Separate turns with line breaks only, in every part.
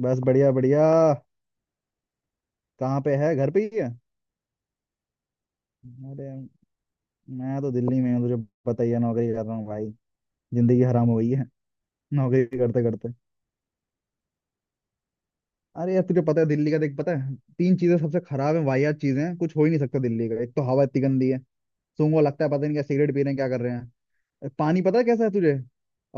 बस बढ़िया बढ़िया। कहाँ पे है, घर पे ही है? अरे, मैं तो दिल्ली में हूँ, तुझे पता ही है, नौकरी कर रहा हूँ भाई। जिंदगी हराम हो गई है नौकरी करते करते। अरे यार, तुझे पता है दिल्ली का, देख, पता है तीन चीजें सबसे खराब है, वाहियात चीजें हैं, कुछ हो ही नहीं सकता दिल्ली का। एक तो हवा इतनी गंदी है, सूंघो लगता है पता नहीं क्या, सिगरेट पी रहे हैं क्या, कर रहे हैं पानी, पता है कैसा है तुझे?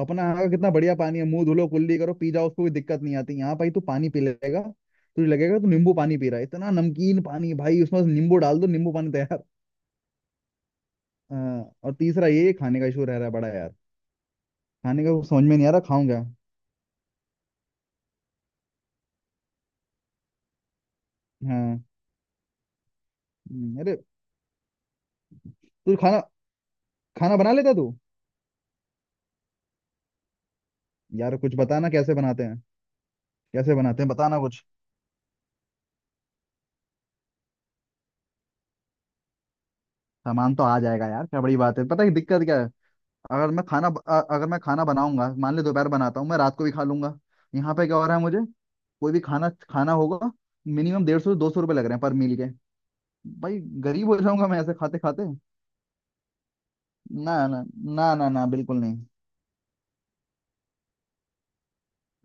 अपना यहाँ का कितना बढ़िया पानी है, मुंह धुलो, कुल्ली करो, पी जाओ, उसको कोई दिक्कत नहीं आती। यहाँ भाई तू पानी पी लेगा, तुझे लगेगा तू नींबू पानी पी रहा है, इतना नमकीन पानी भाई, उसमें बस नींबू डाल दो, नींबू पानी तैयार। हाँ, और तीसरा ये खाने का इशू रह रहा है बड़ा यार। खाने का कुछ समझ में नहीं आ रहा, खाऊं क्या। हाँ। अरे, तू खाना, खाना बना लेता तू? यार कुछ बताना कैसे बनाते हैं, कैसे बनाते हैं बताना कुछ। सामान तो आ जाएगा यार, क्या बड़ी बात है। पता है दिक्कत क्या है, अगर मैं खाना अगर मैं खाना बनाऊंगा, मान ले दोपहर बनाता हूँ, मैं रात को भी खा लूंगा। यहाँ पे क्या हो रहा है मुझे, कोई भी खाना खाना होगा, मिनिमम 150 200 रुपये लग रहे हैं पर मील के भाई। गरीब हो जाऊंगा मैं ऐसे खाते खाते। ना ना ना ना ना, बिल्कुल नहीं।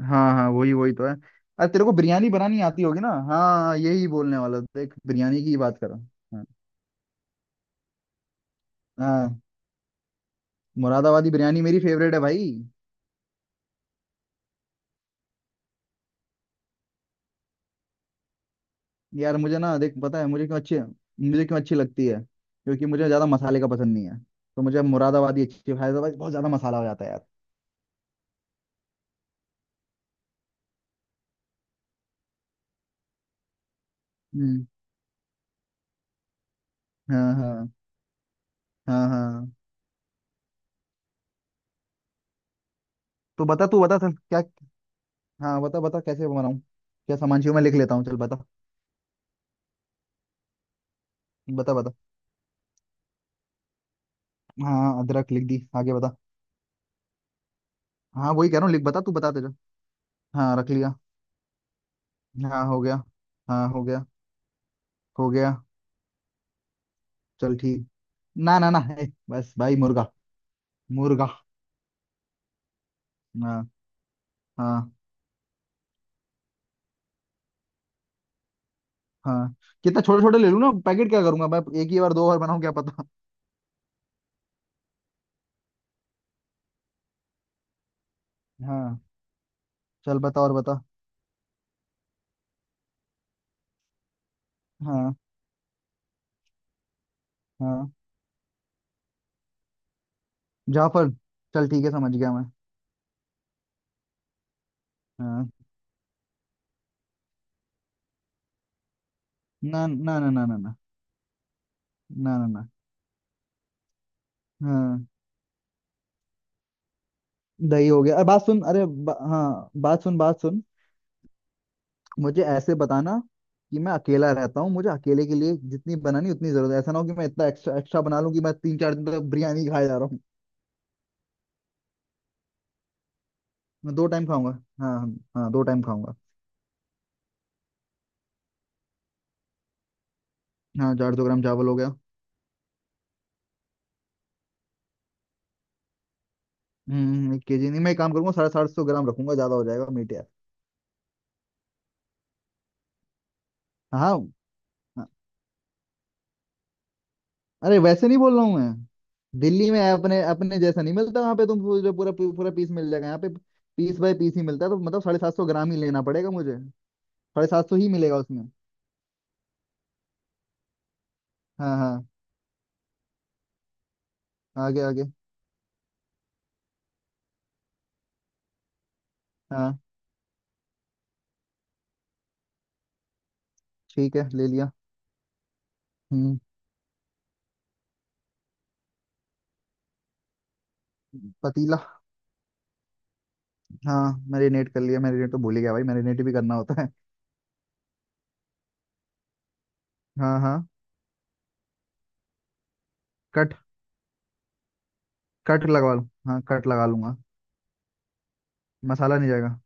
हाँ हाँ, वही वही तो है। अरे तेरे को बिरयानी बनानी आती होगी ना, हाँ यही बोलने वाला था, देख बिरयानी की ही बात कर रहा हूँ। हाँ हाँ, मुरादाबादी बिरयानी मेरी फेवरेट है भाई। यार मुझे ना, देख पता है मुझे क्यों अच्छी, मुझे क्यों अच्छी लगती है, क्योंकि मुझे ज़्यादा मसाले का पसंद नहीं है, तो मुझे मुरादाबादी अच्छी। हैदराबाद बहुत ज़्यादा मसाला हो जाता है यार। हम्म। हाँ हाँ। हाँ हाँ, तो बता, तू बता, चल क्या। हाँ बता बता, कैसे बनाऊँ, क्या सामान चाहिए, मैं लिख लेता हूँ, चल बता। बता बता। हाँ हाँ, अदरक लिख दी, आगे बता। हाँ वही कह रहा हूँ, लिख, बता तू बताते जा। हाँ रख लिया। हाँ हो गया। हाँ हो गया, हो गया। चल ठीक, ना ना ना है, बस भाई मुर्गा, मुर्गा। हाँ। हाँ हाँ। कितना छोटे छोटे ले लूँ ना पैकेट, क्या करूंगा मैं एक ही बार, दो बार बनाऊँ क्या पता। हाँ, चल बता, और बता। हाँ हाँ। जाफर, चल ठीक है, समझ गया मैं। हाँ। ना ना ना ना ना ना, ना ना ना। हाँ, दही हो गया। अरे बात सुन, अरे हाँ बात सुन, बात सुन। मुझे ऐसे बताना कि मैं अकेला रहता हूँ, मुझे अकेले के लिए जितनी बनानी उतनी जरूरत है। ऐसा ना हो कि मैं इतना एक्स्ट्रा एक्स्ट्रा बना लूँ कि मैं तीन चार दिन तक बिरयानी ही खाए जा रहा हूँ। मैं दो टाइम खाऊंगा। हाँ हाँ हाँ, दो टाइम खाऊंगा। हाँ, 400 ग्राम चावल हो गया। हम्म, एक KG नहीं, मैं एक काम करूंगा, 750 ग्राम रखूंगा, ज्यादा हो जाएगा मीट यार। हाँ, हाँ। अरे वैसे नहीं बोल रहा हूँ मैं, दिल्ली में अपने अपने जैसा नहीं मिलता, वहाँ पे तुम पूरा पूरा पूरा पीस मिल जाएगा, यहाँ पे पीस बाय पीस ही मिलता है, तो मतलब 750 ग्राम ही लेना पड़ेगा मुझे, साढ़े सात सौ ही मिलेगा उसमें। हाँ हाँ, आगे आगे। हाँ ठीक है, ले लिया। हम्म। पतीला, हाँ मैरिनेट कर लिया, मैरिनेट तो भूल ही गया भाई, मैरिनेट भी करना होता है। हाँ हाँ। कट, कट लगवा लूँ हाँ, कट लगा लूंगा। मसाला नहीं जाएगा।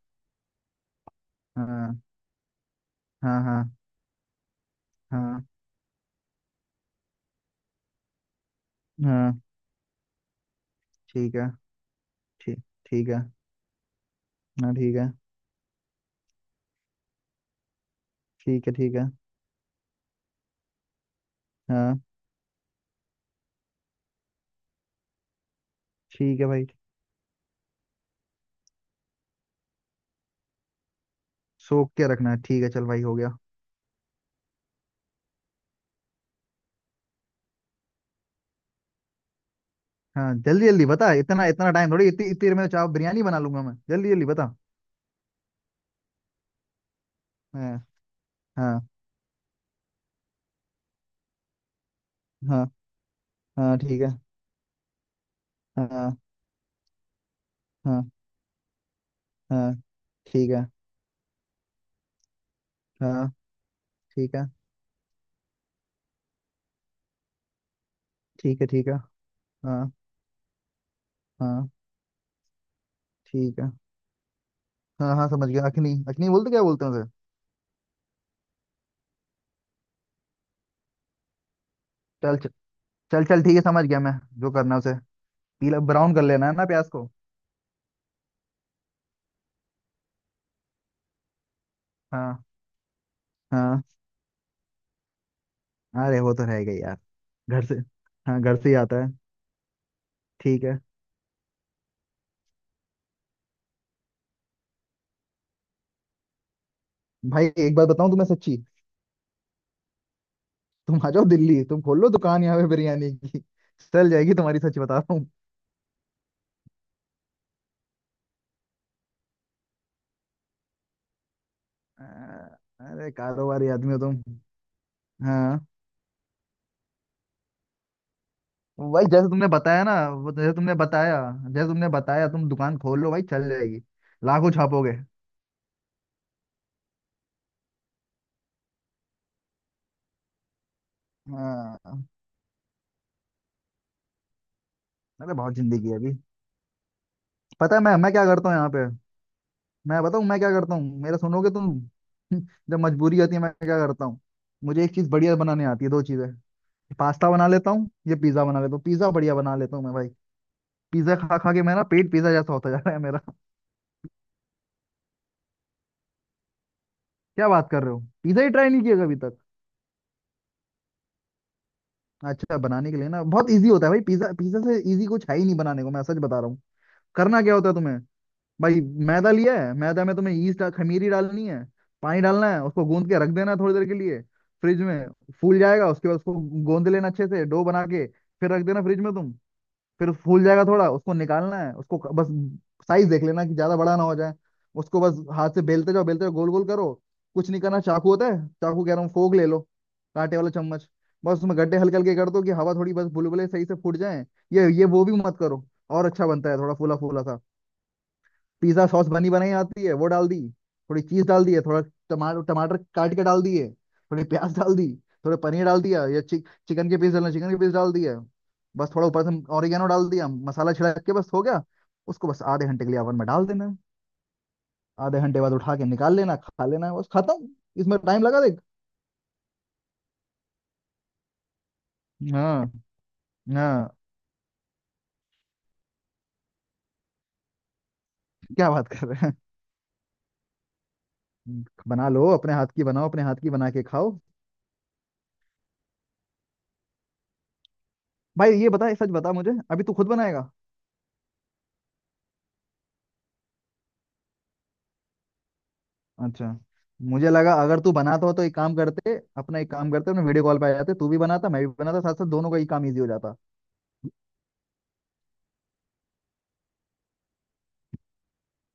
हाँ हाँ। हाँ हाँ। हाँ ठीक है। ठीक, ठीक है। हाँ ठीक है। ठीक है। ठीक है। हाँ ठीक है भाई, सोख के रखना है, ठीक है, चल भाई हो गया। हाँ जल्दी जल्दी बता, इतना इतना टाइम थोड़ी, इतनी इतनी देर में तो चाव बिरयानी बना लूंगा मैं, जल्दी जल्दी बता। हाँ। हाँ हाँ। हाँ ठीक है। हाँ हाँ। हाँ ठीक है। हाँ ठीक है। ठीक है ठीक है। हाँ। हाँ ठीक है। हाँ हाँ समझ गया, अखनी अखनी बोलते, क्या बोलते हैं उसे। चल चल, चल चल ठीक है समझ गया मैं, जो करना है उसे। पीला ब्राउन कर लेना है ना प्याज को। हाँ हाँ, अरे वो तो रहेगा ही यार, घर से। हाँ घर से ही आता है। ठीक है। भाई एक बात बताऊं तुम्हें सच्ची, तुम आ जाओ दिल्ली, तुम खोल लो दुकान यहाँ पे बिरयानी की, चल जाएगी तुम्हारी, सच बता रहा हूँ। अ- अरे कारोबारी आदमी हो तुम। हाँ। भाई जैसे तुमने बताया ना, वो जैसे तुमने बताया, जैसे तुमने बताया, तुम दुकान खोल लो भाई, चल जाएगी, लाखों छापोगे। हाँ, अरे बहुत जिंदगी है अभी। पता है मैं क्या करता हूँ यहाँ पे, मैं बताऊँ मैं क्या करता हूँ, मेरा सुनोगे तुम? जब मजबूरी होती है मैं क्या करता हूँ, मुझे एक चीज बढ़िया बनाने आती है, दो चीजें। पास्ता बना लेता हूँ ये, पिज्जा बना लेता हूँ, पिज्जा बढ़िया बना लेता हूँ मैं भाई। पिज्जा खा खा के मेरा पेट पिज्जा जैसा होता जा रहा है मेरा। क्या बात कर रहे हो, पिज्जा ही ट्राई नहीं किया कभी तक? अच्छा, बनाने के लिए ना, बहुत ईजी होता है भाई, पिज्जा, पिज्जा से ईजी कुछ है ही नहीं बनाने को, मैं सच बता रहा हूँ। करना क्या होता है तुम्हें भाई, मैदा लिया है, मैदा में तुम्हें ईस्ट खमीरी डालनी है, पानी डालना है, उसको गूंद के रख देना है थोड़ी देर के लिए फ्रिज में। फूल जाएगा, उसके बाद उसको गूंद लेना अच्छे से डो बना के, फिर रख देना फ्रिज में तुम, फिर फूल जाएगा थोड़ा। उसको निकालना है, उसको बस साइज देख लेना कि ज्यादा बड़ा ना हो जाए। उसको बस हाथ से बेलते जाओ बेलते जाओ, गोल गोल करो। कुछ नहीं करना, चाकू होता है चाकू, कह रहा हूँ फोक ले लो, कांटे वाला चम्मच। बस उसमें गड्ढे हल्के हल्के कर दो कि हवा थोड़ी, बस बुलबुले सही से फूट जाए। ये वो भी मत करो, और अच्छा बनता है थोड़ा फूला फूला सा। पिज्जा सॉस बनी बनाई आती है, वो डाल दी, थोड़ी चीज डाल दी है, थोड़ा टमाटर, टमाटर काट के डाल दिए, थोड़ी प्याज डाल दी, थोड़े पनीर डाल दिया, या चिकन के पीस डालना, चिकन के पीस डाल दिया। बस थोड़ा ऊपर से ऑरिगेनो डाल दिया, मसाला छिड़क के बस हो गया। उसको बस आधे घंटे के लिए ओवन में डाल देना है। आधे घंटे बाद उठा के निकाल लेना, खा लेना, है बस खत्म। इसमें टाइम लगा देख। हाँ। हाँ क्या बात कर रहे हैं, बना लो अपने हाथ की, बनाओ अपने हाथ की बना के खाओ। भाई ये बता, सच बता मुझे, अभी तू खुद बनाएगा? अच्छा, मुझे लगा अगर तू बनाता हो तो एक काम करते अपना, एक काम करते अपने, वीडियो कॉल पे आ जाते, तू भी बनाता मैं भी बनाता, साथ साथ दोनों का ही काम इजी हो जाता।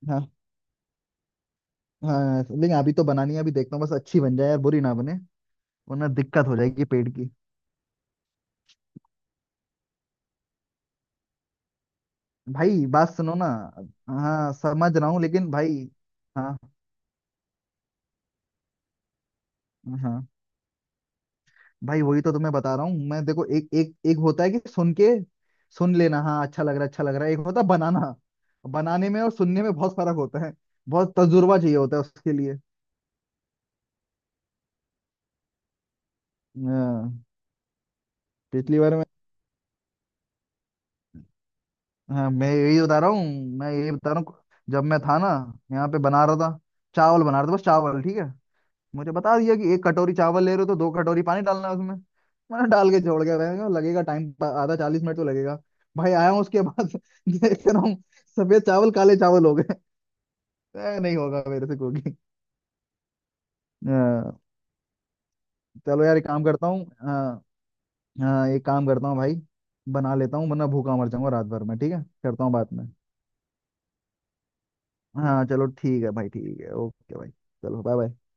हाँ हाँ लेकिन अभी तो बनानी है, अभी देखता हूँ, बस अच्छी बन जाए यार, बुरी ना बने, वरना दिक्कत हो जाएगी पेट की। भाई बात सुनो ना, हाँ समझ रहा हूँ लेकिन भाई, हाँ। हाँ भाई वही तो तुम्हें बता रहा हूँ मैं, देखो एक, एक एक होता है कि सुन के सुन लेना, हाँ अच्छा लग रहा है, अच्छा लग रहा है। एक होता है बनाना, बनाने में और सुनने में बहुत फर्क होता है, बहुत तजुर्बा चाहिए होता है उसके लिए। हाँ, पिछली बार मैं, हाँ मैं यही बता रहा हूँ, मैं यही बता रहा हूँ। जब मैं था ना यहाँ पे बना रहा था, चावल बना रहा था, बस चावल ठीक है, मुझे बता दिया कि एक कटोरी चावल ले रहे हो तो दो कटोरी पानी डालना है उसमें। मैंने डाल के छोड़ के, रहेगा लगेगा टाइम, आधा 40 मिनट तो लगेगा भाई, आया हूँ उसके बाद देख रहा हूँ सफेद चावल काले चावल हो गए। ए, नहीं होगा मेरे से कुकिंग। चलो यार, एक काम करता हूँ, हाँ। हाँ एक काम करता हूँ भाई, बना लेता हूँ वरना भूखा मर जाऊंगा रात भर में, ठीक है, करता हूँ बाद में। हाँ चलो ठीक है भाई, ठीक है, ओके भाई, चलो बाय बाय।